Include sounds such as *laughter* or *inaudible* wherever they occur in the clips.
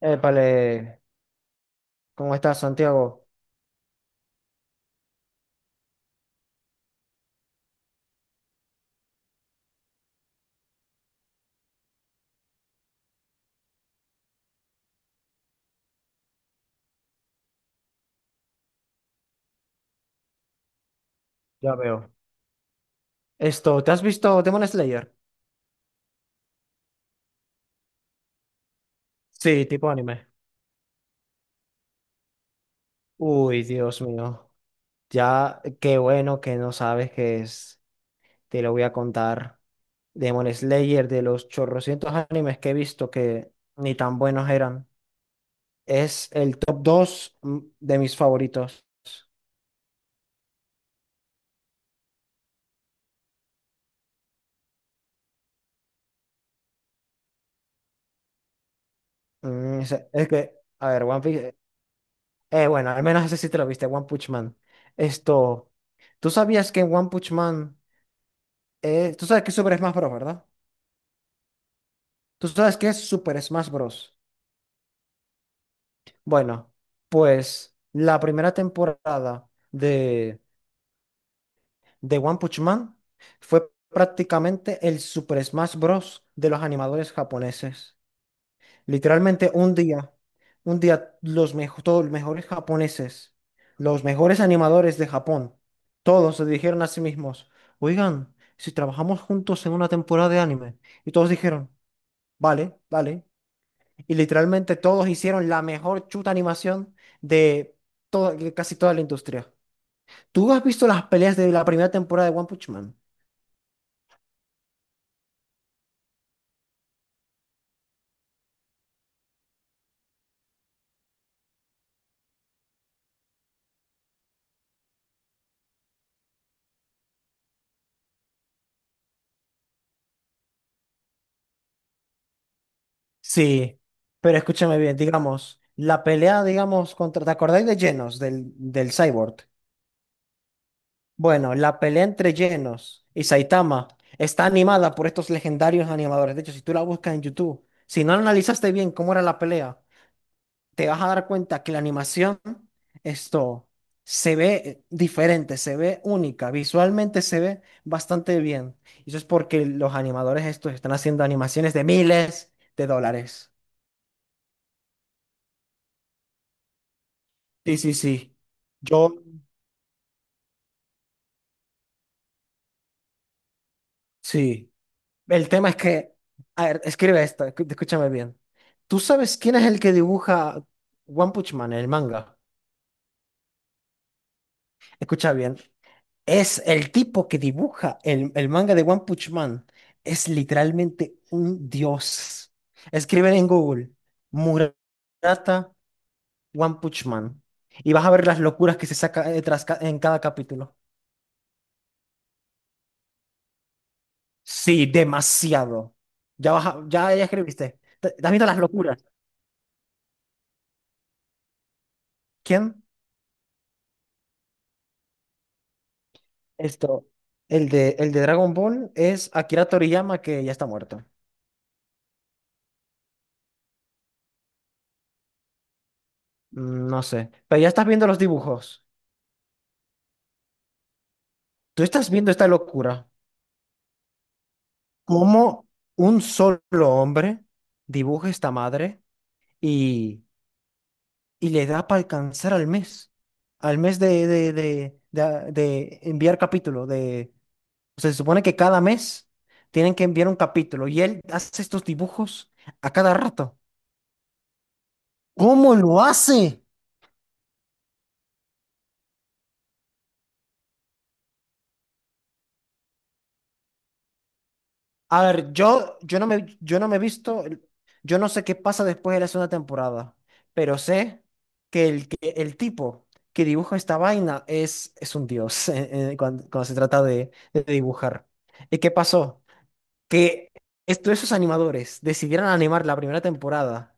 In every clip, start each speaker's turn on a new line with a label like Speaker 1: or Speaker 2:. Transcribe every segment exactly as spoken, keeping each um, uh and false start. Speaker 1: Épale, ¿cómo estás, Santiago? Ya veo. Esto, ¿te has visto Demon Slayer? Sí, tipo anime. Uy, Dios mío. Ya, qué bueno que no sabes qué es. Te lo voy a contar. Demon Slayer, de los chorrocientos animes que he visto que ni tan buenos eran, es el top dos mm, de mis favoritos. Mm, es, es que, a ver, One Piece. Eh, eh, bueno, al menos ese sí te lo viste, One Punch Man. Esto, ¿tú sabías que en One Punch Man? Eh, tú sabes qué es Super Smash Bros., ¿verdad? Tú sabes qué es Super Smash Bros. Bueno, pues la primera temporada de, de One Punch Man fue prácticamente el Super Smash Bros. De los animadores japoneses. Literalmente un día, un día los, mejo- todos los mejores japoneses, los mejores animadores de Japón, todos se dijeron a sí mismos, oigan, si trabajamos juntos en una temporada de anime. Y todos dijeron, vale, vale. Y literalmente todos hicieron la mejor chuta animación de toda- de casi toda la industria. ¿Tú has visto las peleas de la primera temporada de One Punch Man? Sí, pero escúchame bien, digamos, la pelea, digamos, contra, ¿te acordáis de Genos, del, del Cyborg? Bueno, la pelea entre Genos y Saitama está animada por estos legendarios animadores. De hecho, si tú la buscas en YouTube, si no analizaste bien cómo era la pelea, te vas a dar cuenta que la animación, esto, se ve eh, diferente, se ve única, visualmente se ve bastante bien. Y eso es porque los animadores estos están haciendo animaciones de miles de dólares. Sí, sí, sí. Yo, sí. El tema es que, a ver, escribe esto, escú- escúchame bien. ¿Tú sabes quién es el que dibuja One Punch Man, el manga? Escucha bien. Es el tipo que dibuja el, el manga de One Punch Man. Es literalmente un dios. Escriben en Google Murata One Punch Man y vas a ver las locuras que se saca eh, tras ca- en cada capítulo. Sí, demasiado. Ya vas a- ya, ya escribiste. Te- te ¿Has visto las locuras? ¿Quién? Esto. El de, el de Dragon Ball es Akira Toriyama, que ya está muerto. Mm, no sé. Pero ya estás viendo los dibujos. Tú estás viendo esta locura. ¿Cómo un solo hombre dibuja esta madre y, y le da para alcanzar al mes? Al mes de, de, de, de- de enviar capítulo. De, o sea, se supone que cada mes tienen que enviar un capítulo y él hace estos dibujos a cada rato. ¿Cómo lo hace? A ver, yo, yo no me, yo no me he visto, el- yo no sé qué pasa después de la segunda temporada, pero sé que el, que el tipo que dibuja esta vaina es, es un dios *laughs* eh, eh, cuando, cuando se trata de, de dibujar. ¿Y qué pasó? Que esto, esos animadores decidieran animar la primera temporada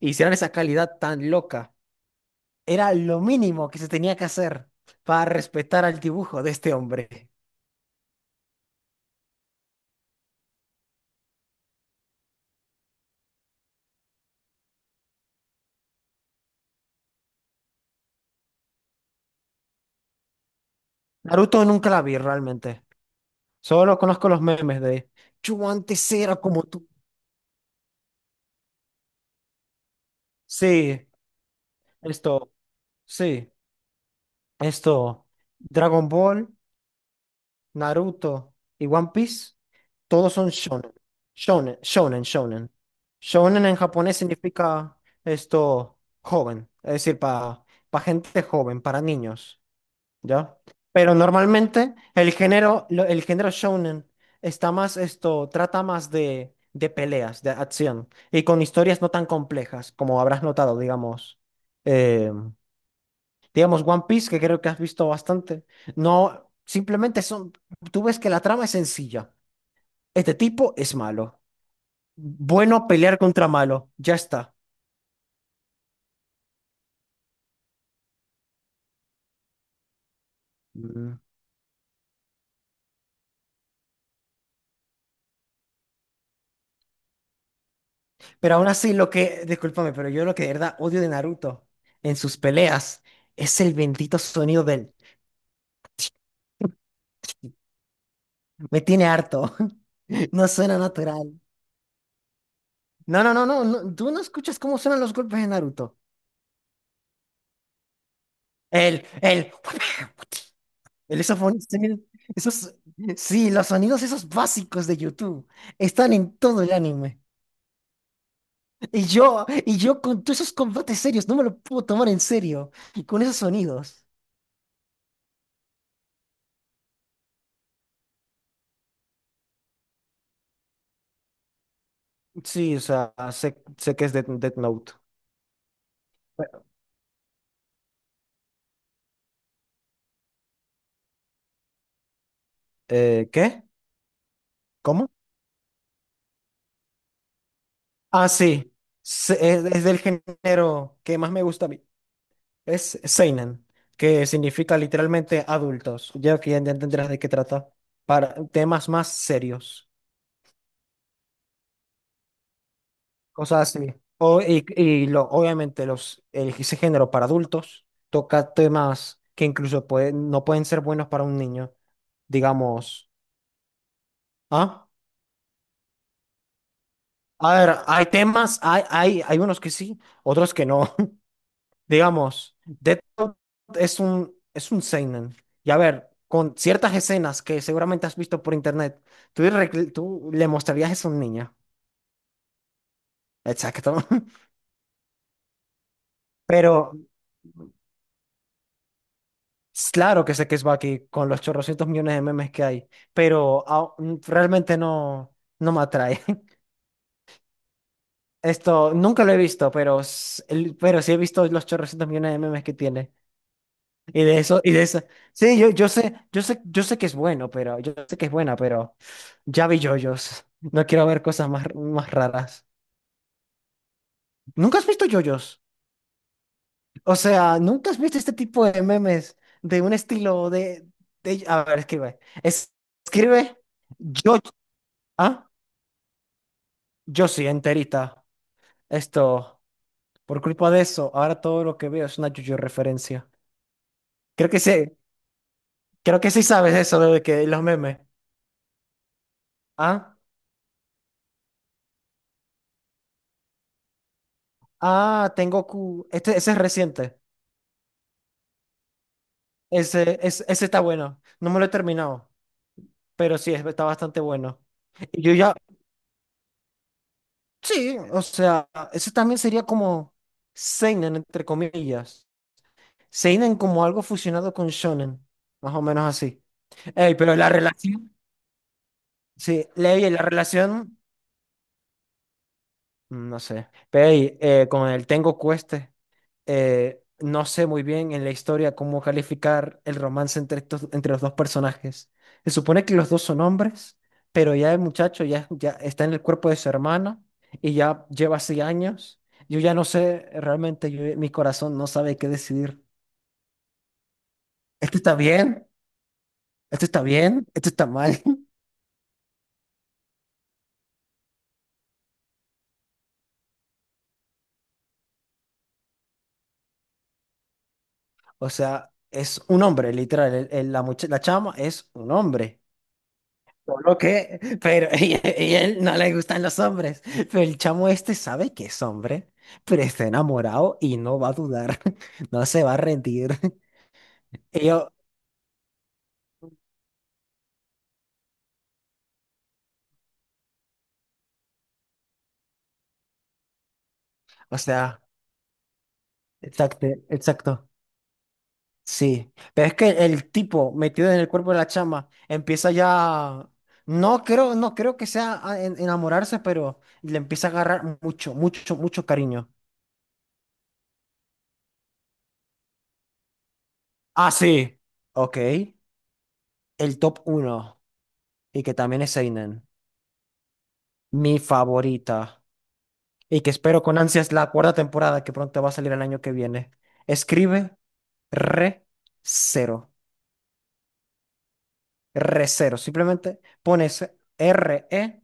Speaker 1: e hicieran esa calidad tan loca. Era lo mínimo que se tenía que hacer para respetar al dibujo de este hombre. Naruto nunca la vi realmente. Solo conozco los memes de yo antes era como tú. Sí, esto, sí, esto. Dragon Ball, Naruto y One Piece, todos son shonen. Shonen, shonen, shonen. Shonen en japonés significa esto, joven, es decir, para gente joven, para niños. ¿Ya? Pero normalmente el género, lo- el género shounen está más esto, trata más de, de peleas, de acción, y con historias no tan complejas, como habrás notado, digamos. eh, digamos One Piece, que creo que has visto bastante. No, simplemente son, tú ves que la trama es sencilla. Este tipo es malo. Bueno, pelear contra malo, ya está. Pero aún así, lo que, discúlpame, pero yo lo que de verdad odio de Naruto en sus peleas es el bendito sonido del... *laughs* Me tiene harto, *laughs* no suena natural. No, no, no, no, no, tú no escuchas cómo suenan los golpes de Naruto. El, el... *laughs* El esofonista, mira, esos... Sí, los sonidos esos básicos de YouTube están en todo el anime. Y yo, y yo con todos esos combates serios, no me lo puedo tomar en serio. Con esos sonidos. Sí, o sea, sé, sé que es Death, Death Note. Eh, ¿qué? ¿Cómo? Ah, sí. Se- Es, es del género que más me gusta a mí. Es Seinen, que significa literalmente adultos. Ya que ya entenderás de qué trata. Para temas más serios. Cosas así. O, y y lo, obviamente los, el- ese género para adultos toca temas que incluso pueden, no pueden ser buenos para un niño. Digamos. ¿Ah? A ver, hay temas, hay, hay, hay unos que sí, otros que no. Digamos, Death Note es un, es un seinen. Y a ver, con ciertas escenas que seguramente has visto por internet, tú, le tú le mostrarías eso a un niño. Exacto. *laughs* Pero claro que sé que es Baki con los chorrocientos millones de memes que hay, pero au- realmente no, no me atrae. *laughs* Esto nunca lo he visto, pero, s- el- pero sí he visto los chorrocientos millones de memes que tiene. Y de eso, y de eso. Sí, yo, yo sé, yo sé, yo sé que es bueno, pero yo sé que es buena, pero ya vi yoyos. No quiero ver cosas más, más raras. ¿Nunca has visto yoyos? O sea, ¿nunca has visto este tipo de memes de un estilo de, de- A ver, escribe. Es- escribe yo, ah, yo sí, enterita. Esto, por culpa de eso, ahora todo lo que veo es una yoyo referencia. Creo que sí, creo que sí sabes eso de que los memes. ¿Ah? Ah, tengo Q. Este, ese es reciente. Ese, es- ese está bueno. No me lo he terminado, pero sí, es- está bastante bueno. Y yo ya, sí, o sea, ese también sería como seinen, entre comillas. Seinen como algo fusionado con shonen, más o menos así. Ey, pero la relación, sí, ley, la relación, mm, no sé. Pero ey, eh, con el Tengoku este. Eh, no sé muy bien en la historia cómo calificar el romance entre estos, entre los dos personajes. Se supone que los dos son hombres, pero ya el muchacho ya, ya está en el cuerpo de su hermana y ya lleva así años. Yo ya no sé, realmente yo- mi corazón no sabe qué decidir. ¿Esto está bien? ¿Esto está bien? ¿Esto está mal? *laughs* O sea, es un hombre, literal. el- el- la, mucha- la chama es un hombre. Solo que, pero *laughs* y, y él no le gustan los hombres. Pero el chamo este sabe que es hombre, pero está enamorado y no va a dudar, *laughs* no se va a rendir. *laughs* Y yo, o sea, exacto, exacto. Sí, pero es que el tipo metido en el cuerpo de la chama empieza ya, no creo, no creo que sea a en- enamorarse, pero le empieza a agarrar mucho, mucho, mucho cariño. Ah, sí. Ok, el top uno y que también es Seinen, mi favorita. Y que espero con ansias la cuarta temporada que pronto va a salir el año que viene. Escribe re cero, re cero. Simplemente pones r e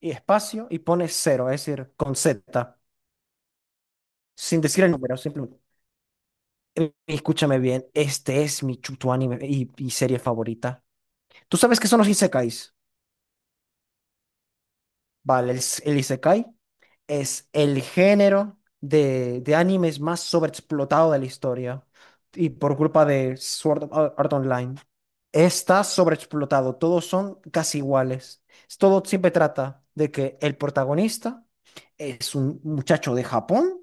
Speaker 1: y espacio y pones cero, es decir, con Z, sin decir el número, simplemente. Eh, Escúchame bien, este es mi chuto anime y, y serie favorita. ¿Tú sabes qué son los isekais? Vale, el, s- el Isekai es el género de, de animes más sobreexplotado de la historia. Y por culpa de Sword Art Online. Está sobreexplotado. Todos son casi iguales. Todo siempre trata de que el protagonista es un muchacho de Japón,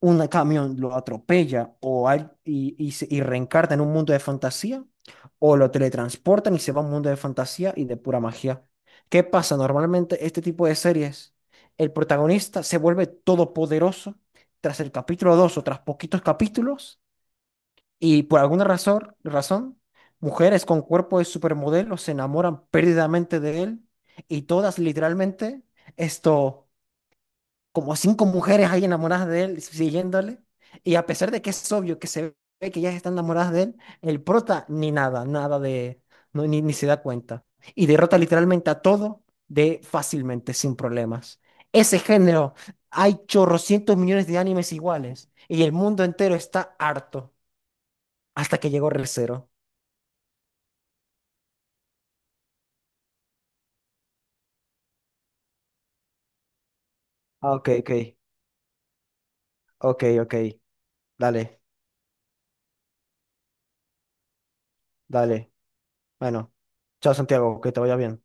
Speaker 1: un camión lo atropella, o al- y, y, se- y reencarna en un mundo de fantasía, o lo teletransportan y se va a un mundo de fantasía y de pura magia. ¿Qué pasa? Normalmente este tipo de series, el protagonista se vuelve todopoderoso tras el capítulo dos o tras poquitos capítulos y por alguna razón, razón, mujeres con cuerpo de supermodelo se enamoran perdidamente de él y todas literalmente esto como cinco mujeres ahí enamoradas de él, siguiéndole. Y a pesar de que es obvio que se ve que ellas están enamoradas de él, el prota ni nada, nada de, no, ni, ni se da cuenta. Y derrota literalmente a todo de fácilmente, sin problemas. Ese género, hay chorrocientos millones de animes iguales y el mundo entero está harto hasta que llegó Re:Zero. Ah, ok, ok, ok, ok. Dale, dale. Bueno, chao Santiago, que te vaya bien.